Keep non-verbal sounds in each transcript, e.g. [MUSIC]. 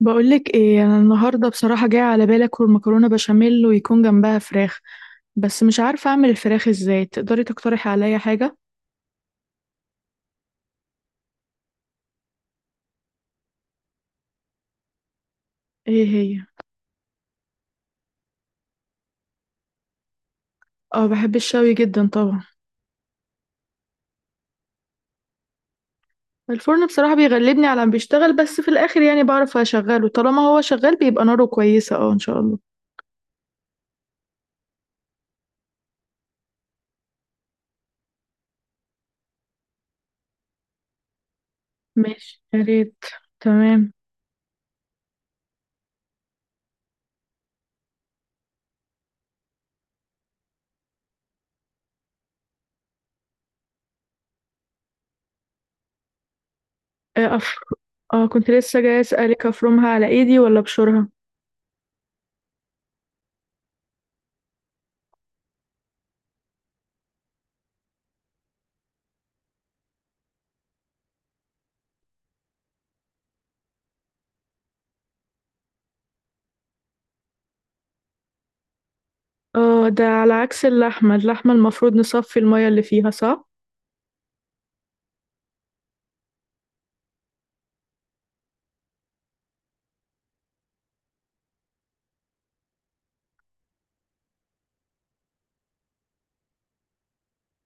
بقولك ايه انا النهارده بصراحه جاي على بالي اكل مكرونه بشاميل ويكون جنبها فراخ. بس مش عارفه اعمل الفراخ ازاي، تقدري تقترحي عليا حاجه؟ ايه هي؟ اه، بحب الشوي جدا طبعا. الفرن بصراحه بيغلبني على ما بيشتغل، بس في الاخر يعني بعرف اشغله، طالما هو شغال بيبقى ناره كويسه، اه ان شاء الله. ماشي، يا ريت. تمام. ايه اه، كنت لسه جاي اسالك افرمها على ايدي ولا بشورها؟ اه، ده على عكس اللحمه، اللحمه المفروض نصفي الميه اللي فيها، صح؟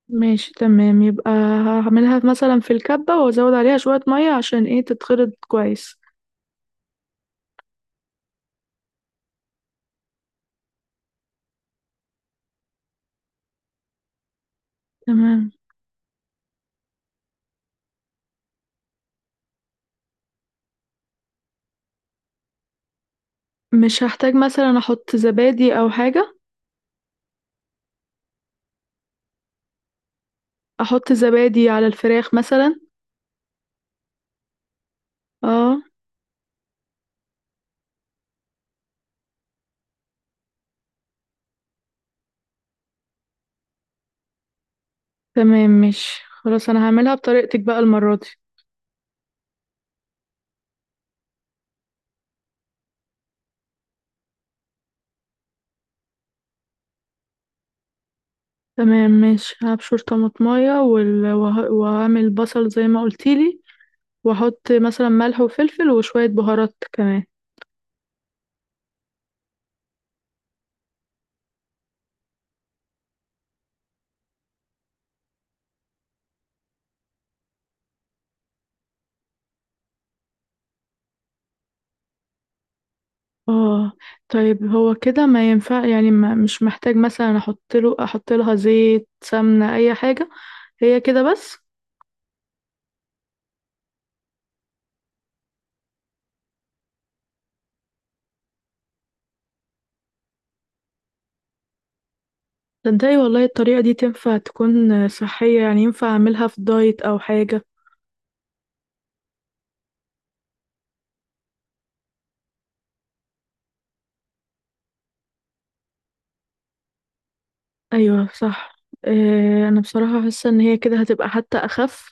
ماشي تمام، يبقى هعملها مثلا في الكبة وازود عليها شوية مية عشان ايه تتخلط كويس. تمام. مش هحتاج مثلا احط زبادي او حاجة؟ احط زبادي على الفراخ مثلا. اه. تمام ماشي، خلاص انا هعملها بطريقتك بقى المرة دي. تمام ماشي، هبشر طماطمية وهعمل بصل زي ما قلتيلي، واحط مثلا ملح وفلفل وشوية بهارات كمان. اه. طيب هو كده ما ينفع؟ يعني ما مش محتاج مثلا احط لها زيت سمنة اي حاجة؟ هي كده بس؟ تصدقي والله الطريقة دي تنفع تكون صحية؟ يعني ينفع اعملها في دايت او حاجة؟ ايوه صح. إيه، انا بصراحة حاسة ان هي كده هتبقى حتى اخف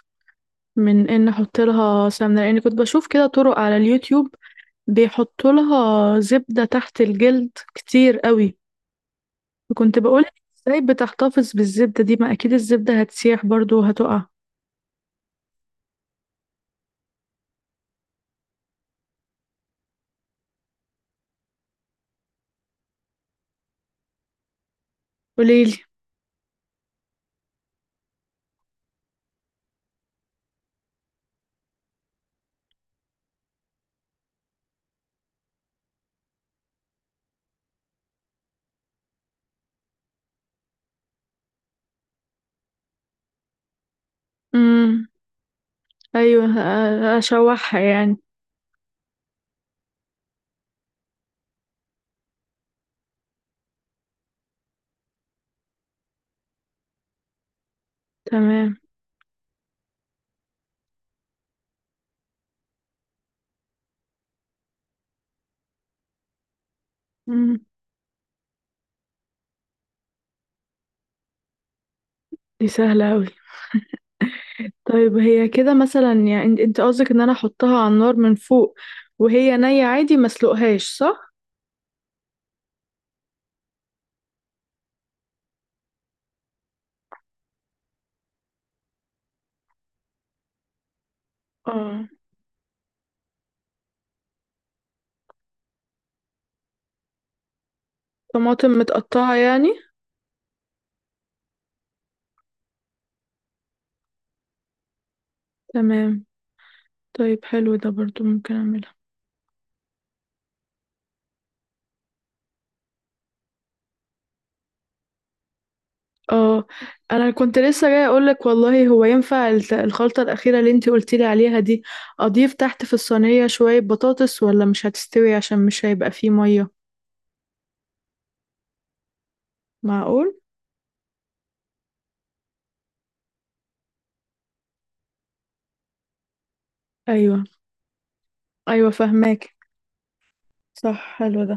من ان احط لها سمنة، لان كنت بشوف كده طرق على اليوتيوب بيحطوا لها زبدة تحت الجلد كتير قوي. كنت بقولك ازاي بتحتفظ بالزبدة دي؟ ما اكيد الزبدة هتسيح برضو وهتقع. قوليلي. امم. ايوه، اشوحها يعني. تمام. امم. دي سهلة اوي. طيب هي كده مثلا يعني، انت قصدك ان انا احطها على النار من فوق وهي نية، عادي ما اسلقهاش صح؟ اه، طماطم متقطعة يعني. تمام. طيب حلو، ده برضو ممكن اعمله. اه، انا كنت لسه جاي اقولك والله، هو ينفع الخلطة الأخيرة اللي انتي قلتيلي عليها دي اضيف تحت في الصينية شوية بطاطس؟ ولا مش هتستوي عشان مش هيبقى فيه مية؟ معقول. ايوه. ايوه فهماك. صح، حلو ده.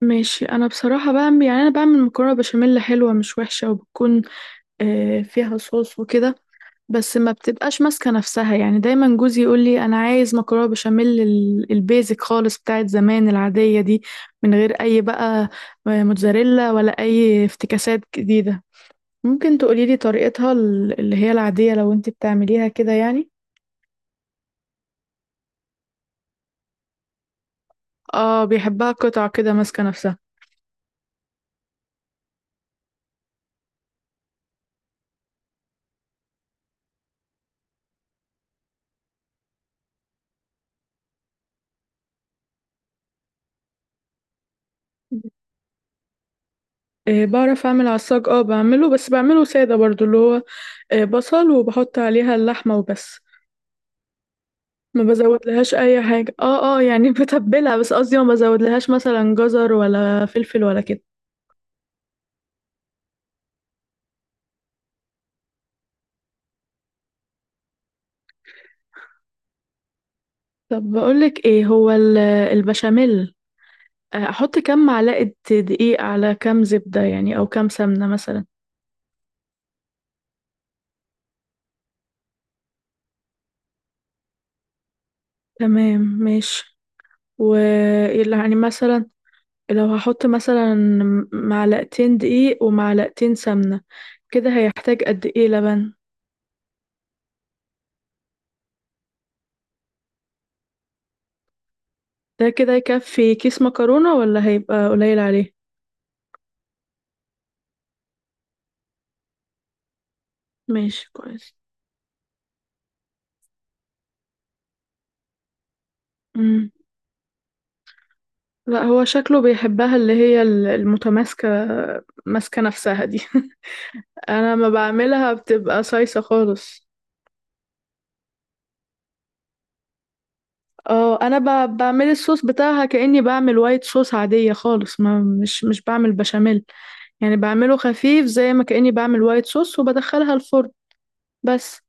ماشي، انا بصراحة بعمل، يعني انا بعمل مكرونة بشاميل حلوة مش وحشة وبتكون فيها صوص وكده. بس ما بتبقاش ماسكة نفسها يعني، دايما جوزي يقول لي انا عايز مكرونة بشاميل البيزك خالص بتاعت زمان العادية دي، من غير اي بقى موتزاريلا ولا اي افتكاسات جديدة. ممكن تقولي لي طريقتها اللي هي العادية لو انت بتعمليها كده يعني؟ اه، بيحبها قطع كده ماسكة نفسها. بعرف اعمل عصاج، اه بعمله، بس بعمله سادة برضو، اللي هو بصل وبحط عليها اللحمة وبس. ما بزود لهاش اي حاجة، اه اه يعني [LAUGHS] بتبلها بس، قصدي ما بزود لهاش مثلا جزر ولا فلفل ولا كده. طب بقولك ايه، هو البشاميل، احط كام معلقة دقيق على كام زبدة يعني، او كام سمنة مثلا؟ تمام ماشي. و، يعني مثلا، لو هحط مثلا معلقتين دقيق ومعلقتين سمنة، كده هيحتاج قد ايه لبن؟ ده كده يكفي كيس مكرونة ولا هيبقى قليل عليه؟ ماشي كويس. مم. لا، هو شكله بيحبها اللي هي المتماسكة، ماسكة نفسها دي [LAUGHS] انا ما بعملها بتبقى صيصة خالص. اه، انا بعمل الصوص بتاعها كأني بعمل وايت صوص عادية خالص، ما مش بعمل بشاميل. يعني بعمله خفيف زي ما كأني بعمل وايت صوص وبدخلها الفرن بس.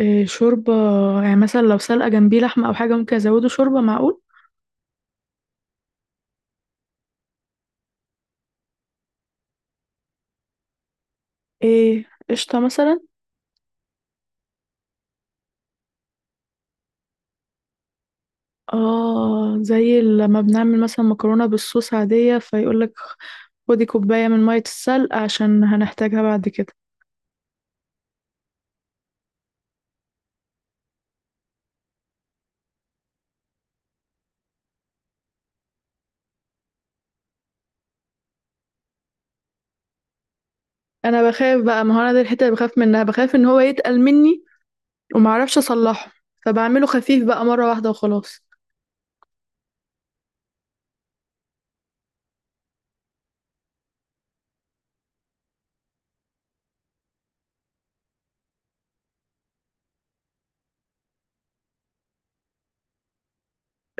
إيه شوربة؟ يعني مثلا لو سلقة جنبي لحمة او حاجة ممكن ازوده شوربة؟ معقول. ايه قشطة مثلا؟ اه، زي لما بنعمل مثلا مكرونة بالصوص عادية فيقولك خدي كوباية من مية السلق عشان هنحتاجها بعد كده. انا بخاف بقى، ما هو انا دي الحتة اللي بخاف منها، بخاف ان هو يتقل مني ومعرفش اصلحه، فبعمله خفيف بقى مرة واحدة وخلاص.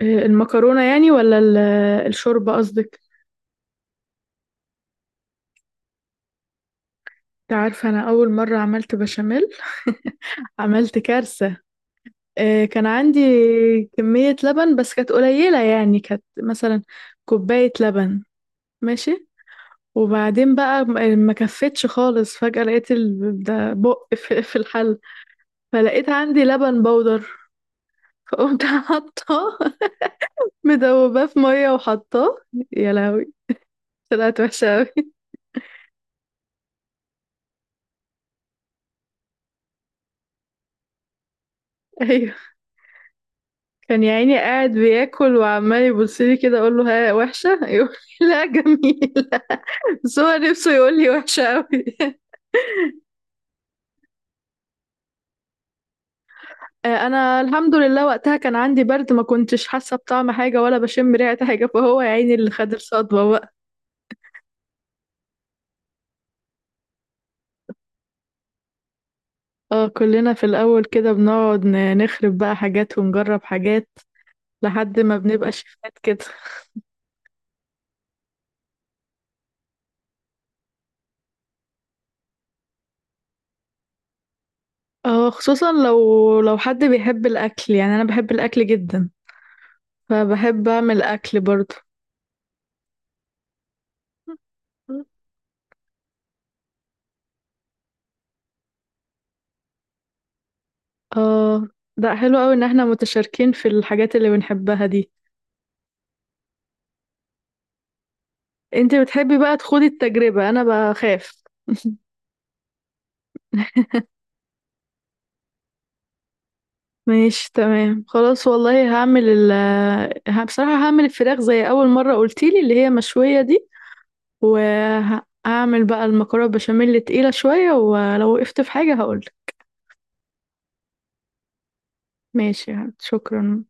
إيه، المكرونة يعني؟ ولا الشوربة قصدك؟ انت عارفة انا اول مرة عملت بشاميل [LAUGHS] عملت كارثة. كان عندي كمية لبن بس كانت قليلة، يعني كانت مثلا كوباية لبن. ماشي. وبعدين بقى ما كفتش خالص، فجأة لقيت ده بق في الحل. فلقيت عندي لبن بودر. فقمت [LAUGHS] حاطاه مدوباه في مية وحطاه. يا لهوي، طلعت وحشة أوي. أيوه. كان يا عيني قاعد بياكل وعمال يبصلي كده أقول له ها وحشة؟ يقول [LAUGHS] لي لا جميلة. بس هو نفسه يقول لي وحشة أوي [LAUGHS] أنا الحمد لله وقتها كان عندي برد، ما كنتش حاسة بطعم حاجة ولا بشم ريحة حاجة، فهو يا عيني اللي خد الصدمة بقى. اه كلنا في الأول كده بنقعد نخرب بقى حاجات ونجرب حاجات، لحد ما بنبقى شيفات كده. اه خصوصا لو حد بيحب الأكل يعني، أنا بحب الأكل جدا، فبحب أعمل أكل برضه. اه، ده حلو أوي إن احنا متشاركين في الحاجات اللي بنحبها دي. انت بتحبي بقى تخوضي التجربة، أنا بخاف [LAUGHS] ماشي تمام خلاص والله، هعمل بصراحة هعمل الفراخ زي أول مرة قلتيلي اللي هي مشوية دي. وهعمل بقى المكرونة بشاميل تقيلة شوية، ولو وقفت في حاجة هقولك. ماشي يا حبيبتي، شكرا.